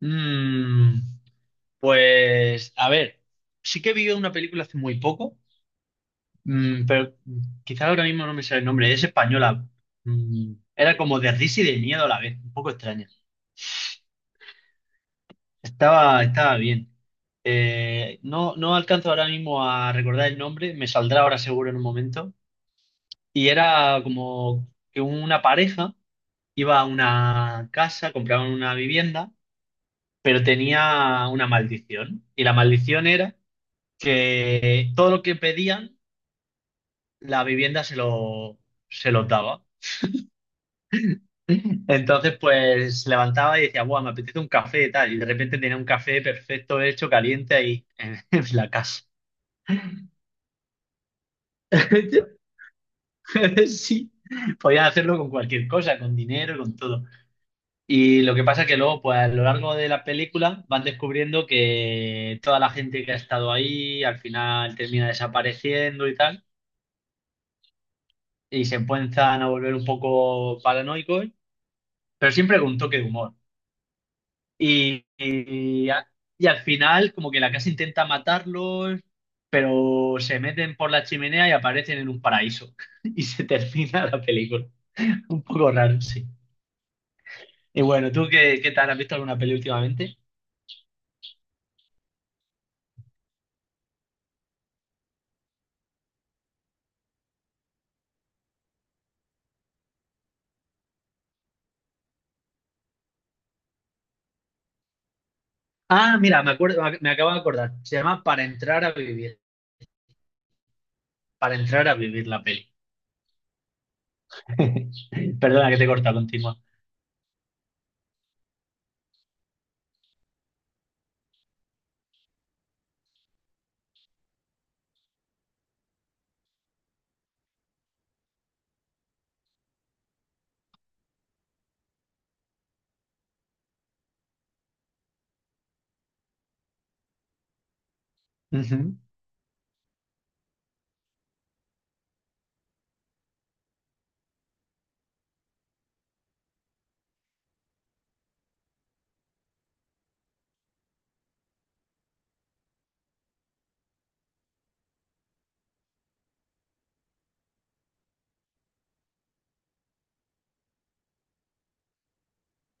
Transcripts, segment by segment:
Mm, pues, a ver, sí que vi una película hace muy poco, pero quizá ahora mismo no me sale el nombre, es española. Era como de risa y de miedo a la vez, un poco extraña. Estaba bien. No, no alcanzo ahora mismo a recordar el nombre, me saldrá ahora seguro en un momento. Y era como que una pareja iba a una casa, compraban una vivienda, pero tenía una maldición. Y la maldición era que todo lo que pedían, la vivienda se lo daba. Entonces, pues se levantaba y decía, guau, me apetece un café y tal. Y de repente tenía un café perfecto, hecho, caliente ahí en, en la casa. Sí, podías hacerlo con cualquier cosa, con dinero, con todo. Y lo que pasa es que luego, pues a lo largo de la película, van descubriendo que toda la gente que ha estado ahí al final termina desapareciendo y tal. Y se empiezan a volver un poco paranoicos, pero siempre con un toque de humor. Y, y, a- y al final, como que la casa intenta matarlos, pero se meten por la chimenea y aparecen en un paraíso. Y se termina la película. Un poco raro, sí. Y bueno, ¿tú qué tal? ¿Has visto alguna peli últimamente? Ah, mira, me acuerdo, me acabo de acordar. Se llama Para entrar a vivir. Para entrar a vivir, la peli. Perdona que te corta, continúa. Ujú.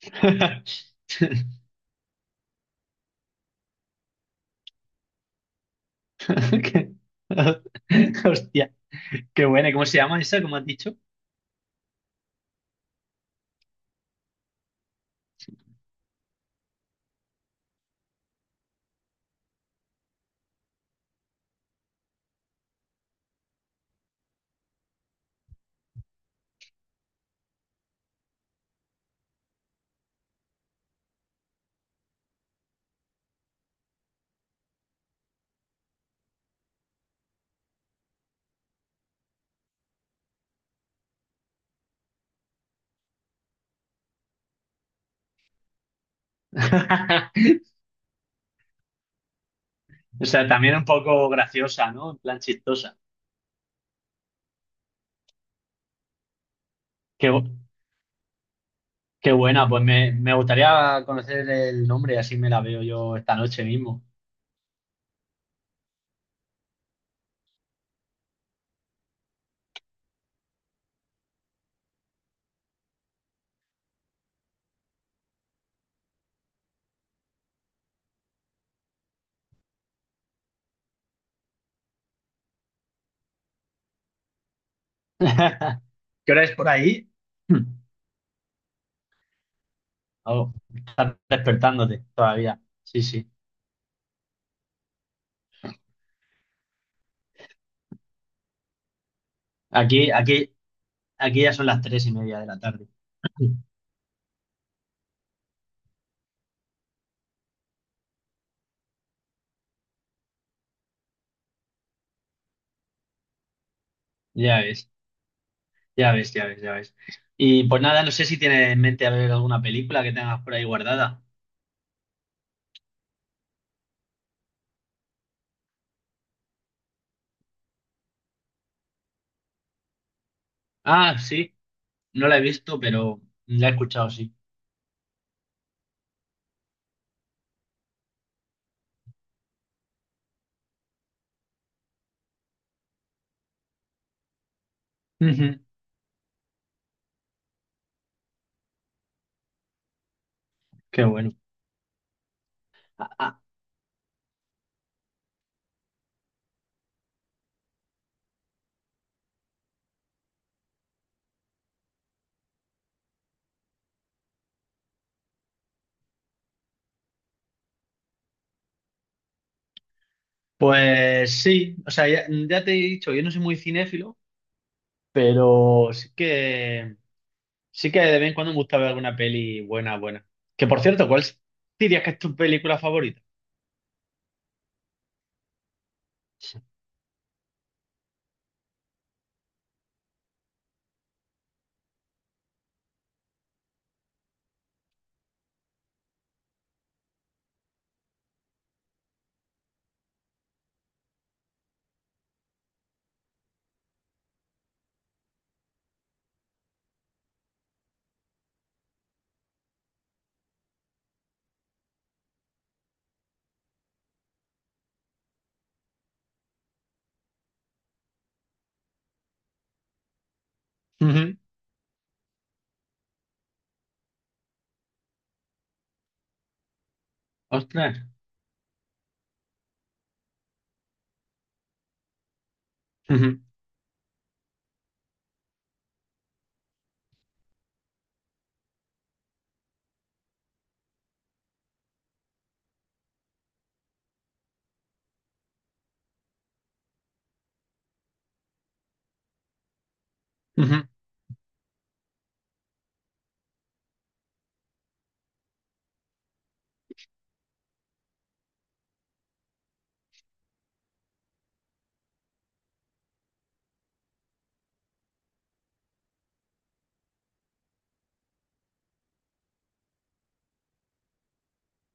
Hostia, qué buena. ¿Cómo se llama esa? ¿Cómo has dicho? O sea, también un poco graciosa, ¿no? En plan, chistosa. Qué, bu- qué buena. Pues me gustaría conocer el nombre, así me la veo yo esta noche mismo. ¿Qué hora es por ahí? Oh, estás despertándote todavía. Sí, sí. Aquí, aquí, aquí ya son las 3:30 de la tarde. Ya ves, ya ves, ya ves, ya ves. Y pues nada, no sé si tienes en mente a ver alguna película que tengas por ahí guardada. Ah, sí, no la he visto, pero la he escuchado, sí. Ujú. Qué bueno. Ah, ah. Pues sí, o sea, ya, ya te he dicho, yo no soy muy cinéfilo, pero sí que de vez en cuando me gusta ver alguna peli buena, buena. Que por cierto, ¿cuál dirías que es tu película favorita? Ujú. Ostras. Ujú, ujú.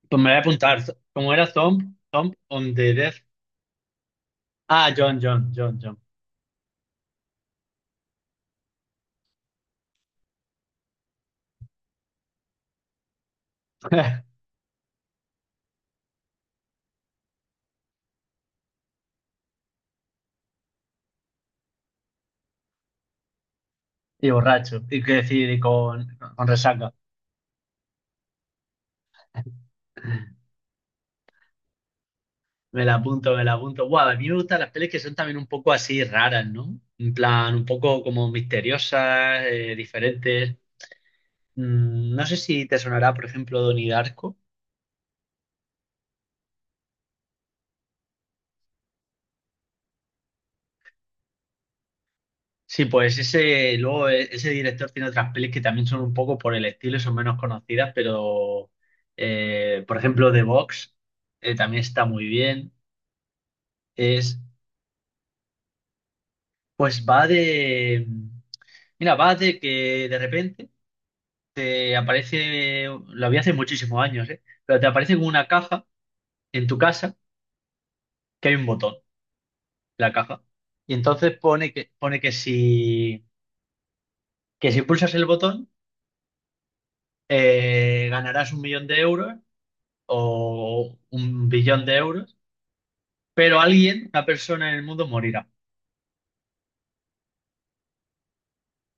Pues me voy a apuntar. Como era Thumb, Thumb on the Death. Ah, John, John, John, John. Y borracho. Y que decir, y con resaca. Me la apunto, me la apunto. Guau, a mí me gustan las pelis que son también un poco así raras, ¿no? En plan, un poco como misteriosas, diferentes. No sé si te sonará, por ejemplo, Donnie Darko. Sí, pues ese, luego ese director tiene otras pelis que también son un poco por el estilo y son menos conocidas, pero por ejemplo, The Box también está muy bien. Es, pues va de, mira, va de que de repente te aparece, lo vi hace muchísimos años, ¿eh? Pero te aparece como una caja en tu casa que hay un botón, en la caja. Y entonces pone que si pulsas el botón, ganarás 1 millón de euros o 1 billón de euros, pero alguien, una persona en el mundo morirá.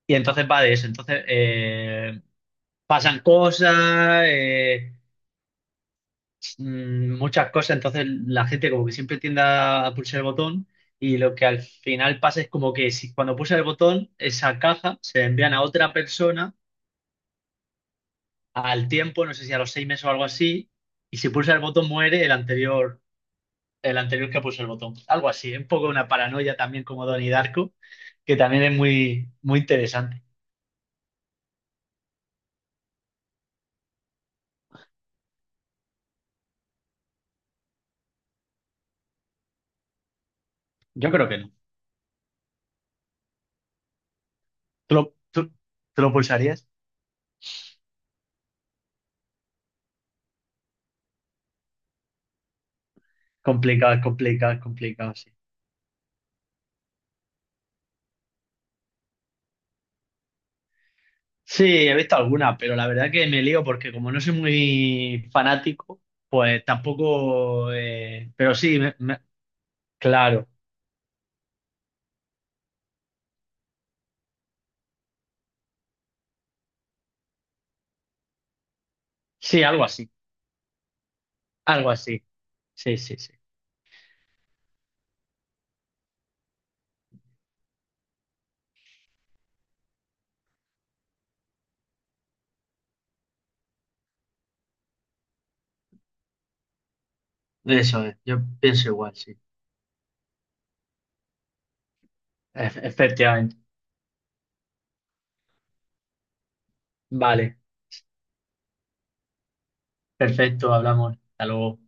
Y entonces va de eso. Entonces pasan cosas, muchas cosas. Entonces la gente como que siempre tiende a pulsar el botón, y lo que al final pasa es como que si cuando pulsa el botón, esa caja se la envían a otra persona al tiempo, no sé si a los 6 meses o algo así, y si pulsa el botón muere el anterior que puso el botón. Algo así, es un poco una paranoia también como Donnie Darko, que también es muy, muy interesante. Yo creo que no. ¿Tú lo, tú- tú lo pulsarías? Complicado, complicado, complicado, sí. Sí, he visto algunas, pero la verdad que me lío porque como no soy muy fanático, pues tampoco... pero sí, claro. Sí, algo así. Algo así. Sí, sí, sí. Eso es. Yo pienso igual, sí. Efectivamente. Vale. Perfecto, hablamos. Hasta luego.